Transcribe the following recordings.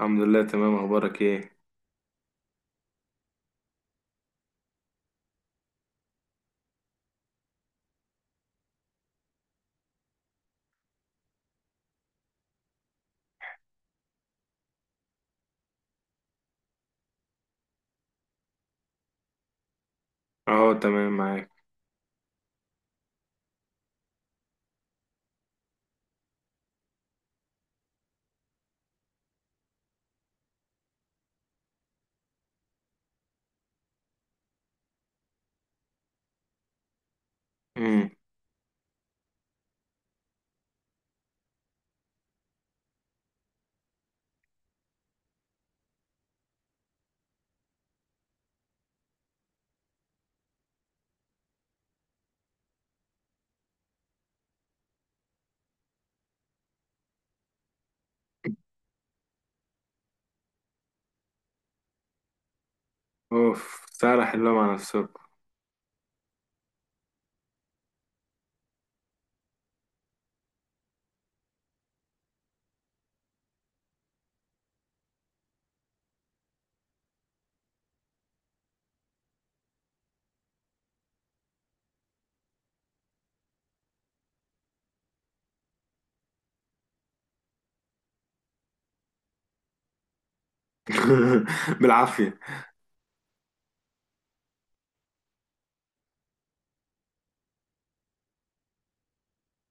الحمد لله، تمام. اخبارك ايه؟ اهو، تمام معاك. امم. اوف، سهلة حلوة مع نفسكم. بالعافية.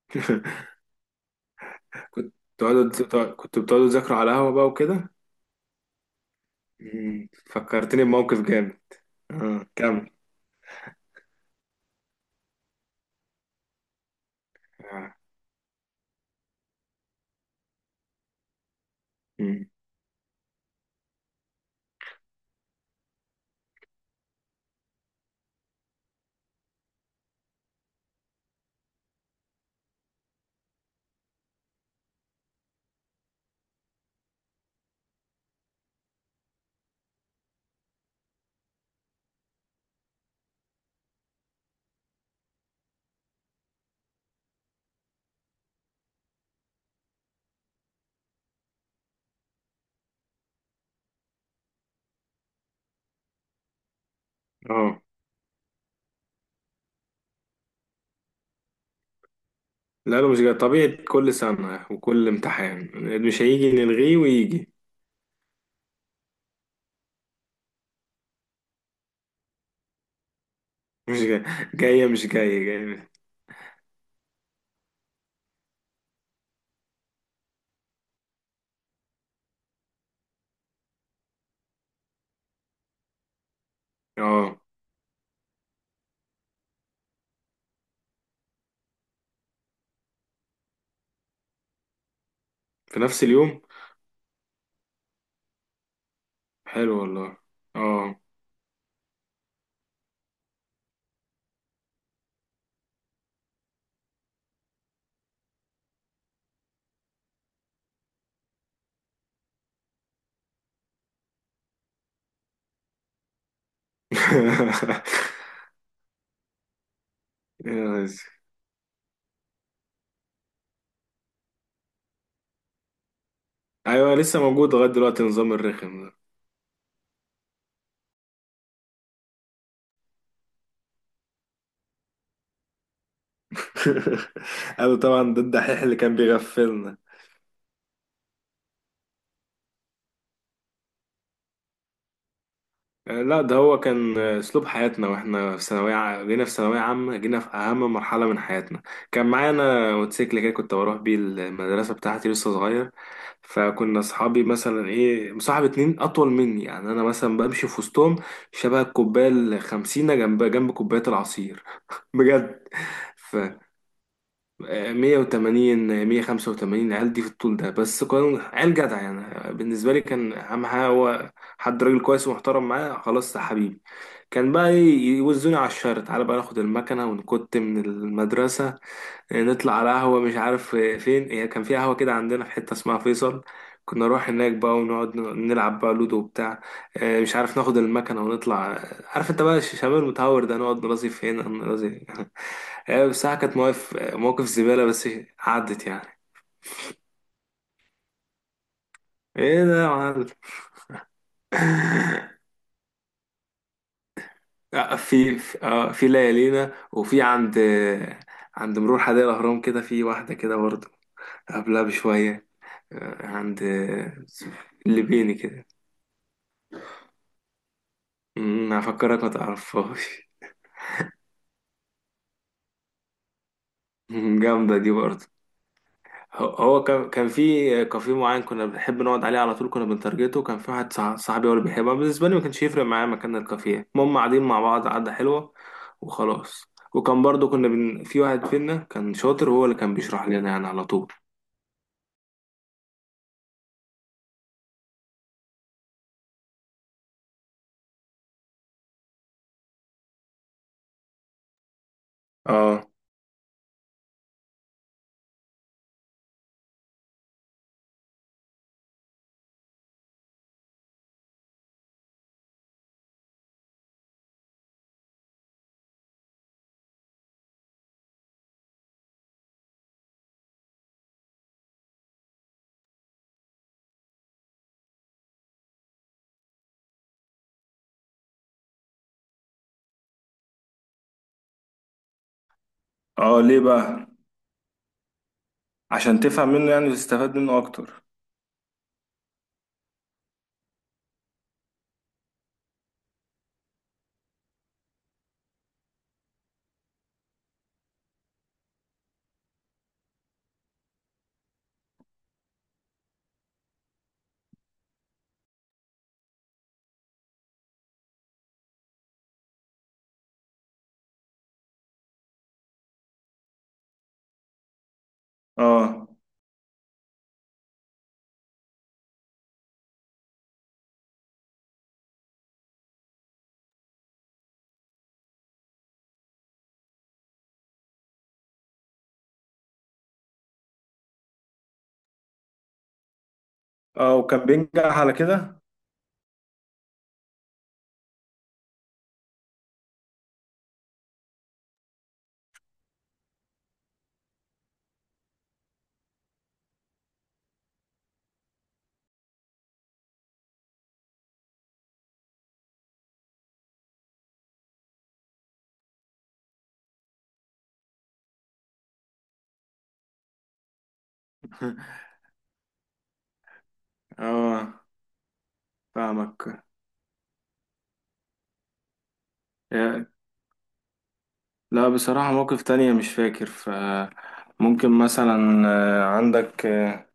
كنت كنت بتقعدوا تذاكروا على قهوة بقى وكده؟ فكرتني بموقف جامد. اه، كمل. اه. أمم. آه. لا لا، مش جاي، طبيعي. كل سنة وكل امتحان مش هيجي نلغيه ويجي. مش جاي. جاية مش جاية جاية. اه. في نفس اليوم. حلو والله. اه. ايوه، لسه موجود لغايه دلوقتي نظام الرخم ده. انا طبعا ده الدحيح اللي كان بيغفلنا. آه، لا، ده هو كان اسلوب حياتنا واحنا في ثانويه. جينا في ثانويه عامه، جينا في اهم مرحله من حياتنا. كان معانا موتوسيكل كده، كنت بروح بيه المدرسه بتاعتي، لسه صغير. فكنا اصحابي مثلا ايه، مصاحب اتنين اطول مني. يعني انا مثلا بمشي في وسطهم شبه الكوبايه الخمسينه، جنب جنب كوبايه العصير، بجد. 180، 185 العيال دي في الطول ده، بس كان عيال جدع. يعني بالنسبة لي كان أهم حاجة هو حد راجل كويس ومحترم، معاه خلاص يا حبيبي. كان بقى إيه، يوزوني على الشارع، تعالى بقى ناخد المكنة ونكت من المدرسة. نطلع على قهوة، مش عارف فين هي. كان في قهوة كده عندنا في حتة اسمها فيصل. كنا نروح هناك بقى ونقعد نلعب بقى لودو وبتاع. مش عارف، ناخد المكنة ونطلع. عارف انت بقى الشمال المتهور ده، نقعد نرازي هنا نرازي. آه، بصراحة كانت مواقف مواقف زبالة، بس عدت يعني. ايه ده يا معلم؟ آه، في ليالينا، وفي عند عند مرور حدائق الأهرام، كده في واحدة كده برضه قبلها بشوية. عند الليبيني كده. هفكرك ما تعرفهاش. جامدة دي برضه. هو كان في كافيه معين كنا بنحب نقعد عليه على طول، كنا بنترجته. كان في واحد صاحبي، هو اللي بيحبها. بالنسبة لي ما كانش يفرق معايا مكان الكافيه، المهم قاعدين مع بعض قعدة حلوة، وخلاص. وكان برضه في واحد فينا كان شاطر، هو اللي كان بيشرح لنا يعني على طول. اه. اه، ليه بقى؟ عشان تفهم منه يعني وتستفاد منه اكتر. اه. اه، وكان بينجح على كده. اه، فاهمك. لا بصراحة، موقف تانية مش فاكر. فممكن مثلا عندك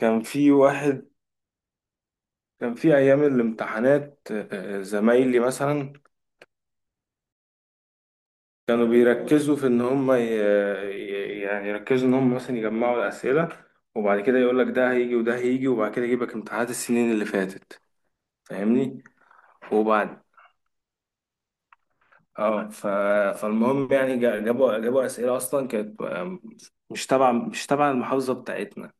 كان في واحد. كان في أيام الامتحانات، زمايلي مثلا كانوا بيركزوا في إن هم يعني يركزوا إن هم مثلا يجمعوا الأسئلة، وبعد كده يقول لك ده هيجي وده هيجي، وبعد كده يجيب لك امتحانات السنين اللي فاتت. فاهمني؟ وبعد. اه. فالمهم يعني جابوا أسئلة أصلا كانت مش تبع المحافظة بتاعتنا.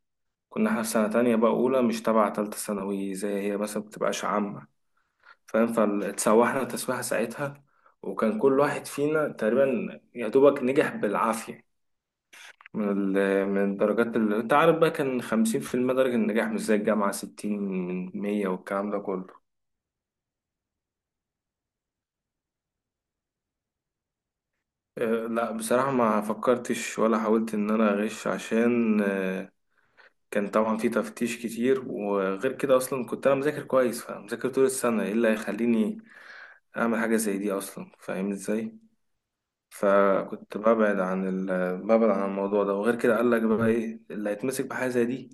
كنا احنا في سنة تانية بقى أولى، مش تبع تالتة ثانوي زي هي مثلا بتبقاش عامة، فاهم؟ فاتسوحنا تسويحة ساعتها، وكان كل واحد فينا تقريبا يا دوبك نجح بالعافية. من من الدرجات اللي انت عارف بقى، كان 50% درجة النجاح، مش زي الجامعة 60 من 100 والكلام ده كله. اه، لا بصراحة ما فكرتش ولا حاولت إن أنا أغش. عشان كان طبعا في تفتيش كتير، وغير كده أصلا كنت أنا مذاكر كويس. فمذاكر طول السنة، إيه اللي هيخليني اعمل حاجه زي دي اصلا؟ فاهمني ازاي. فكنت ببعد عن الموضوع ده. وغير كده، قال لك بقى ايه اللي هيتمسك بحاجه زي دي؟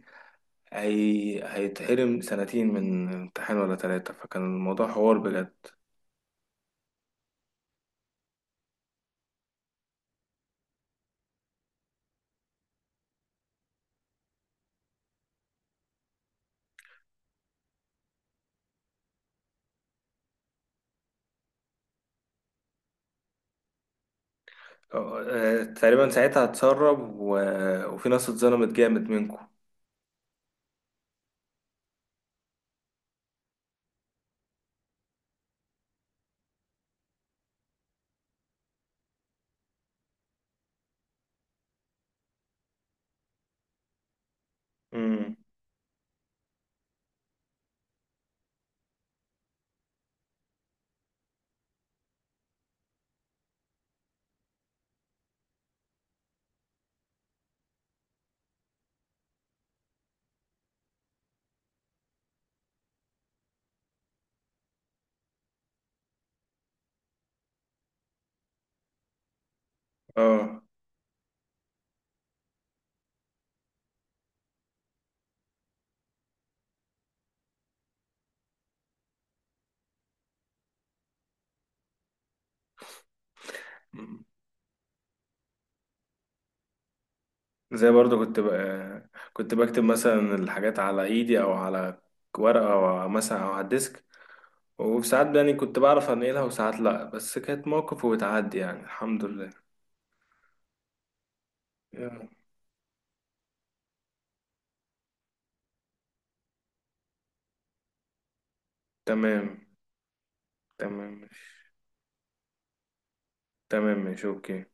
هيتحرم سنتين من امتحان ولا ثلاثه. فكان الموضوع حوار بجد. آه، تقريبا ساعتها اتسرب وفي ناس اتظلمت جامد منكم. امم. اه. مم. زي برضو كنت بكتب مثلا الحاجات على ايدي، او على ورقه، او مثلا او على الديسك. وساعات يعني كنت بعرف انقلها وساعات لا، بس كانت موقف وبتعدي يعني، الحمد لله. يا. تمام. تمام ماشي. تمام ماشي، اوكي.